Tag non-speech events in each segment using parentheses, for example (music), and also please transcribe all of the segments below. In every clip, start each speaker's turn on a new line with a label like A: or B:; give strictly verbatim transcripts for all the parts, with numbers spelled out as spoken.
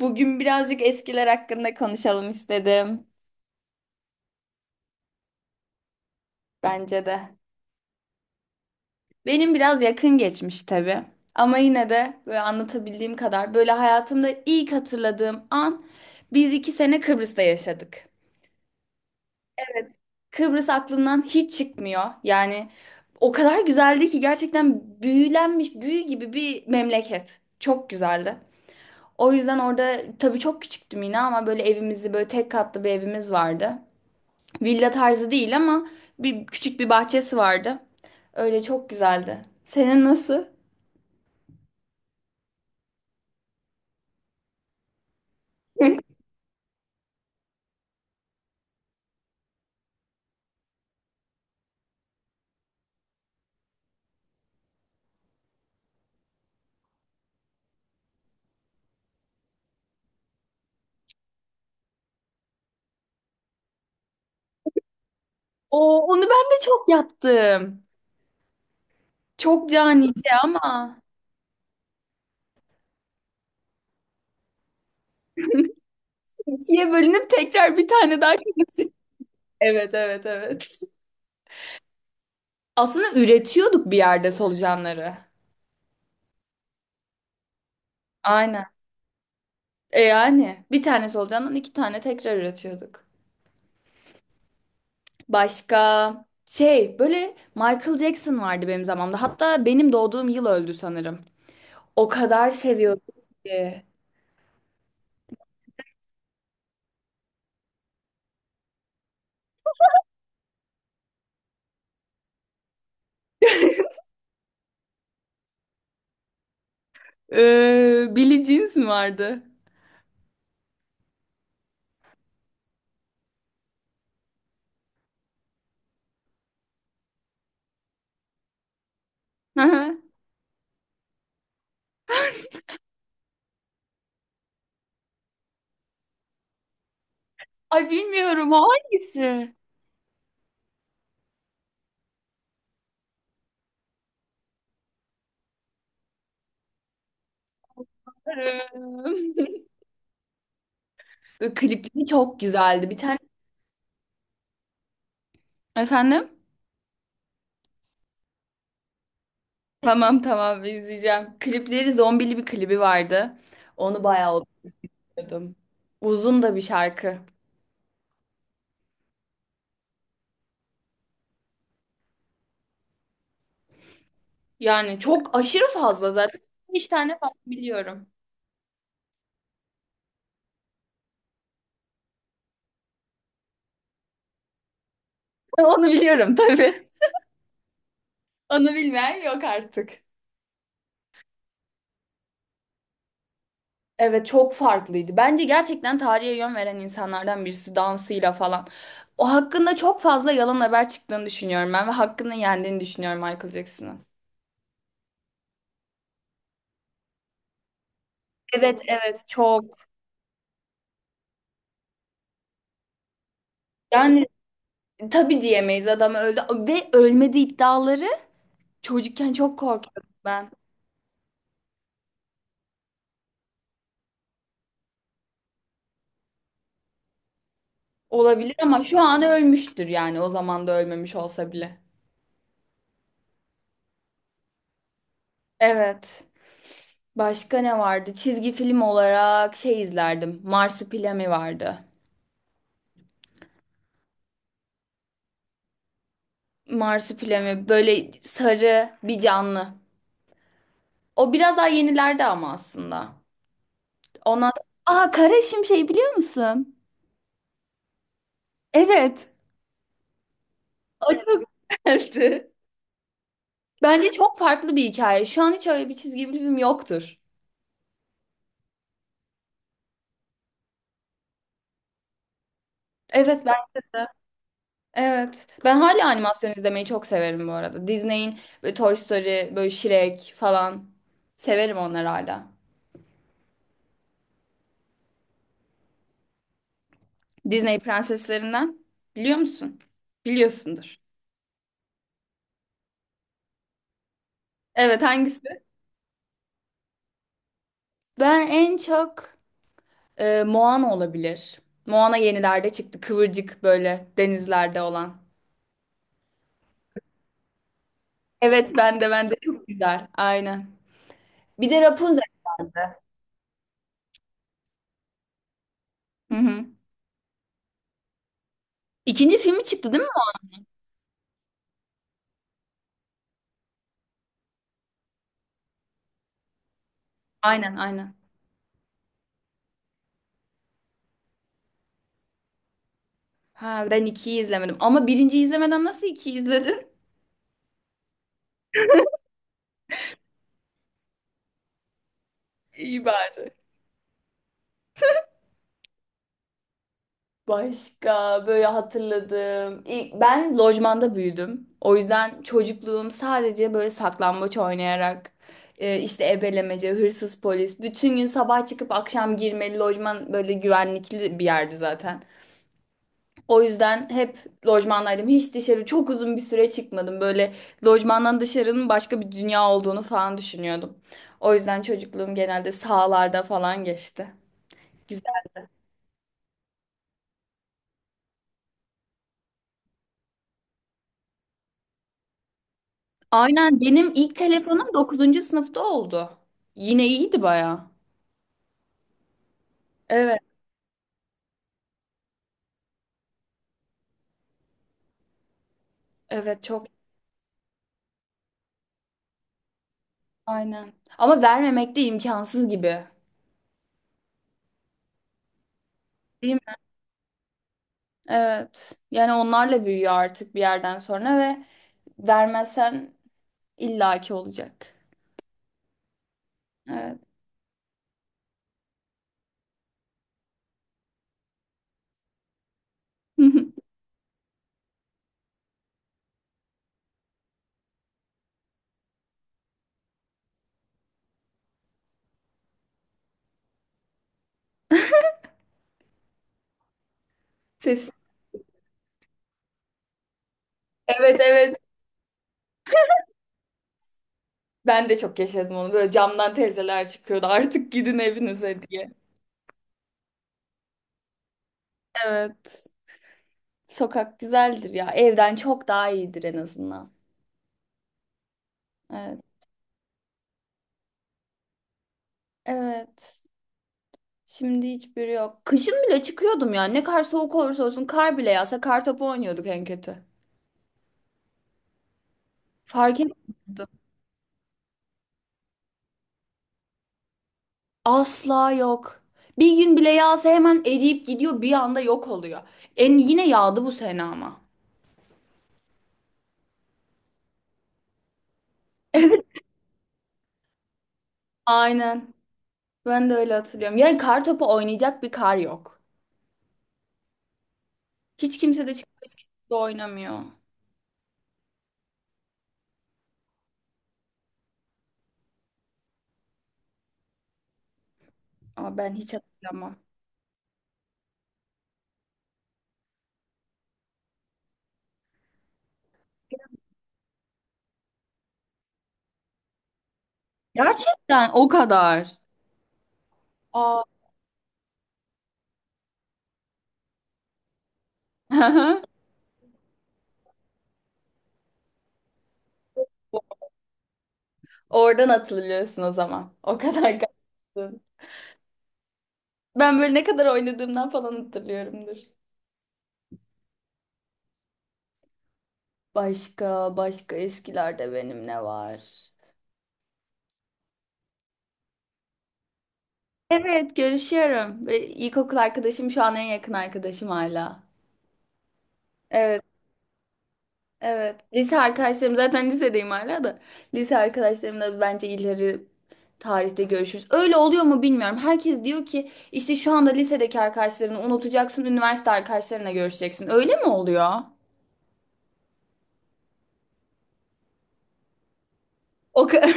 A: Bugün birazcık eskiler hakkında konuşalım istedim. Bence de. Benim biraz yakın geçmiş tabii. Ama yine de böyle anlatabildiğim kadar böyle hayatımda ilk hatırladığım an biz iki sene Kıbrıs'ta yaşadık. Evet. Kıbrıs aklımdan hiç çıkmıyor. Yani o kadar güzeldi ki gerçekten büyülenmiş büyü gibi bir memleket. Çok güzeldi. O yüzden orada tabii çok küçüktüm yine ama böyle evimizi böyle tek katlı bir evimiz vardı. Villa tarzı değil ama bir küçük bir bahçesi vardı. Öyle çok güzeldi. Senin nasıl? (laughs) Oo, onu ben de çok yaptım. Çok canice ama. İkiye bölünüp tekrar bir tane daha kırmızı. Evet, evet, evet. Aslında üretiyorduk bir yerde solucanları. Aynen. E yani bir tane solucandan iki tane tekrar üretiyorduk. Başka şey böyle Michael Jackson vardı benim zamanımda. Hatta benim doğduğum yıl öldü sanırım. O kadar seviyordum ki. Ee, Billie Jeans mi vardı? Hı hı. Ay bilmiyorum o hangisi? Bilmiyorum. (laughs) Böyle klipleri çok güzeldi. Bir tane efendim? Tamam, tamam, izleyeceğim. Klipleri zombili bir klibi vardı. Onu bayağı okuyordum. Uzun da bir şarkı. Yani çok aşırı fazla zaten. Beş tane falan biliyorum. (laughs) Onu biliyorum tabii. Onu bilmeyen yok artık. Evet çok farklıydı. Bence gerçekten tarihe yön veren insanlardan birisi dansıyla falan. O hakkında çok fazla yalan haber çıktığını düşünüyorum ben ve hakkını yendiğini düşünüyorum Michael Jackson'ın. Evet, evet, çok. Yani tabii diyemeyiz adam öldü ve ölmedi iddiaları çocukken çok korkuyordum ben. Olabilir ama şu an ölmüştür yani o zaman da ölmemiş olsa bile. Evet. Başka ne vardı? Çizgi film olarak şey izlerdim. Marsupilami vardı. Marsupilami böyle sarı bir canlı. O biraz daha yenilerde ama aslında. Ondan sonra... Aa, kara şimşeği biliyor musun? Evet. O çok güzeldi. Bence çok farklı bir hikaye. Şu an hiç öyle bir çizgi film yoktur. Evet ben evet. Ben hala animasyon izlemeyi çok severim bu arada. Disney'in böyle Toy Story, böyle Shrek falan severim onları hala. Disney prenseslerinden biliyor musun? Biliyorsundur. Evet, hangisi? Ben en çok Ee, Moana olabilir. Moana yenilerde çıktı. Kıvırcık böyle denizlerde olan. Evet ben de ben de çok güzel. Aynen. Bir de Rapunzel. Hı hı. İkinci filmi çıktı değil mi? Aynen, aynen. Ha ben ikiyi izlemedim. Ama birinciyi izlemeden nasıl ikiyi izledin? İyi bari. Başka böyle hatırladığım. İlk- Ben lojmanda büyüdüm. O yüzden çocukluğum sadece böyle saklambaç oynayarak e, işte ebelemece, hırsız polis. Bütün gün sabah çıkıp akşam girmeli lojman böyle güvenlikli bir yerdi zaten. O yüzden hep lojmandaydım. Hiç dışarı çok uzun bir süre çıkmadım. Böyle lojmandan dışarının başka bir dünya olduğunu falan düşünüyordum. O yüzden çocukluğum genelde sahalarda falan geçti. Aynen benim ilk telefonum dokuzuncu sınıfta oldu. Yine iyiydi baya. Evet, evet, çok aynen. Ama vermemek de imkansız gibi. Değil mi? Evet. Yani onlarla büyüyor artık bir yerden sonra ve vermezsen illaki olacak. Evet. (laughs) Ses. Evet, evet. Ben de çok yaşadım onu. Böyle camdan teyzeler çıkıyordu. Artık gidin evinize diye. Evet. Sokak güzeldir ya. Evden çok daha iyidir en azından. Evet. Evet. Şimdi hiçbiri yok. Kışın bile çıkıyordum ya. Ne kadar soğuk olursa olsun kar bile yağsa kar topu oynuyorduk en kötü. Fark etmiyordu. Asla yok. Bir gün bile yağsa hemen eriyip gidiyor bir anda yok oluyor. En yine yağdı bu sene ama. Aynen. Ben de öyle hatırlıyorum. Yani kar topu oynayacak bir kar yok. Hiç kimse de çıkıp eski gibi oynamıyor. Aa, ben hiç hatırlamam. Gerçekten o kadar. Aa. (laughs) Oradan hatırlıyorsun o zaman. O kadar kalsın. Ben böyle ne kadar oynadığımdan falan hatırlıyorumdur. Başka, başka eskilerde benim ne var? Evet, görüşüyorum. Ve İlkokul arkadaşım şu an en yakın arkadaşım hala. Evet, evet. Lise arkadaşlarım zaten lisedeyim hala da. Lise arkadaşlarımla bence ileri tarihte görüşürüz. Öyle oluyor mu bilmiyorum. Herkes diyor ki işte şu anda lisedeki arkadaşlarını unutacaksın, üniversite arkadaşlarına görüşeceksin. Öyle mi oluyor? O kadar.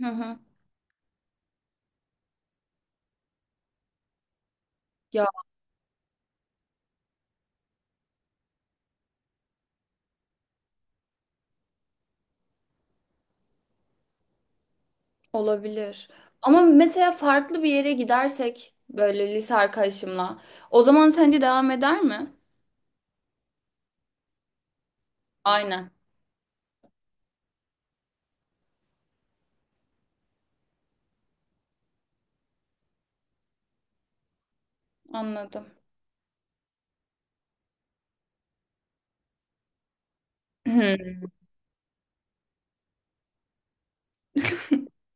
A: (laughs) Hı hı. Ya. Olabilir. Ama mesela farklı bir yere gidersek böyle lise arkadaşımla o zaman sence devam eder mi? Aynen. Anladım. (clears throat)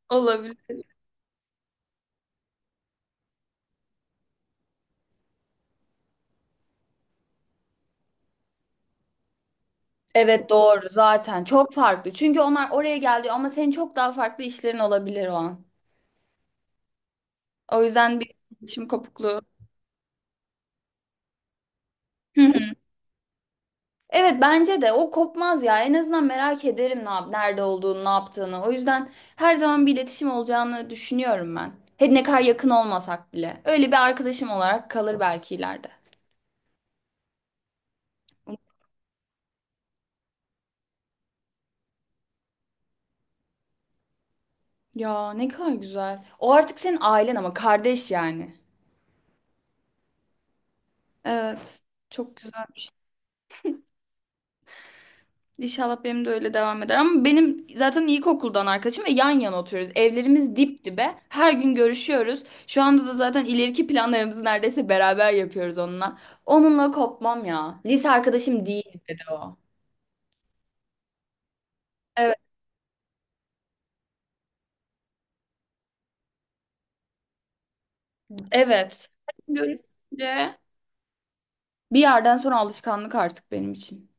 A: Olabilir. Evet doğru zaten çok farklı. Çünkü onlar oraya geldi ama senin çok daha farklı işlerin olabilir o an. O yüzden bir iletişim kopukluğu. (laughs) Evet bence de o kopmaz ya. En azından merak ederim ne yap nerede olduğunu, ne yaptığını. O yüzden her zaman bir iletişim olacağını düşünüyorum ben. Hadi ne kadar yakın olmasak bile. Öyle bir arkadaşım olarak kalır belki ileride. Ya ne kadar güzel. O artık senin ailen ama kardeş yani. Evet. Çok güzel. İnşallah benim de öyle devam eder. Ama benim zaten ilkokuldan arkadaşım ve yan yana oturuyoruz. Evlerimiz dip dibe. Her gün görüşüyoruz. Şu anda da zaten ileriki planlarımızı neredeyse beraber yapıyoruz onunla. Onunla kopmam ya. Lise arkadaşım değil dedi o. Evet, evet. Görüşünce bir yerden sonra alışkanlık artık benim için.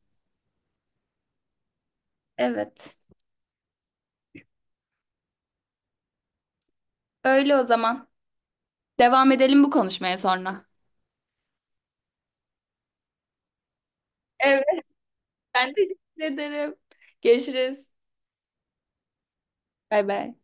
A: Evet. Öyle o zaman. Devam edelim bu konuşmaya sonra. Evet, ben teşekkür ederim. Görüşürüz. Bay bay.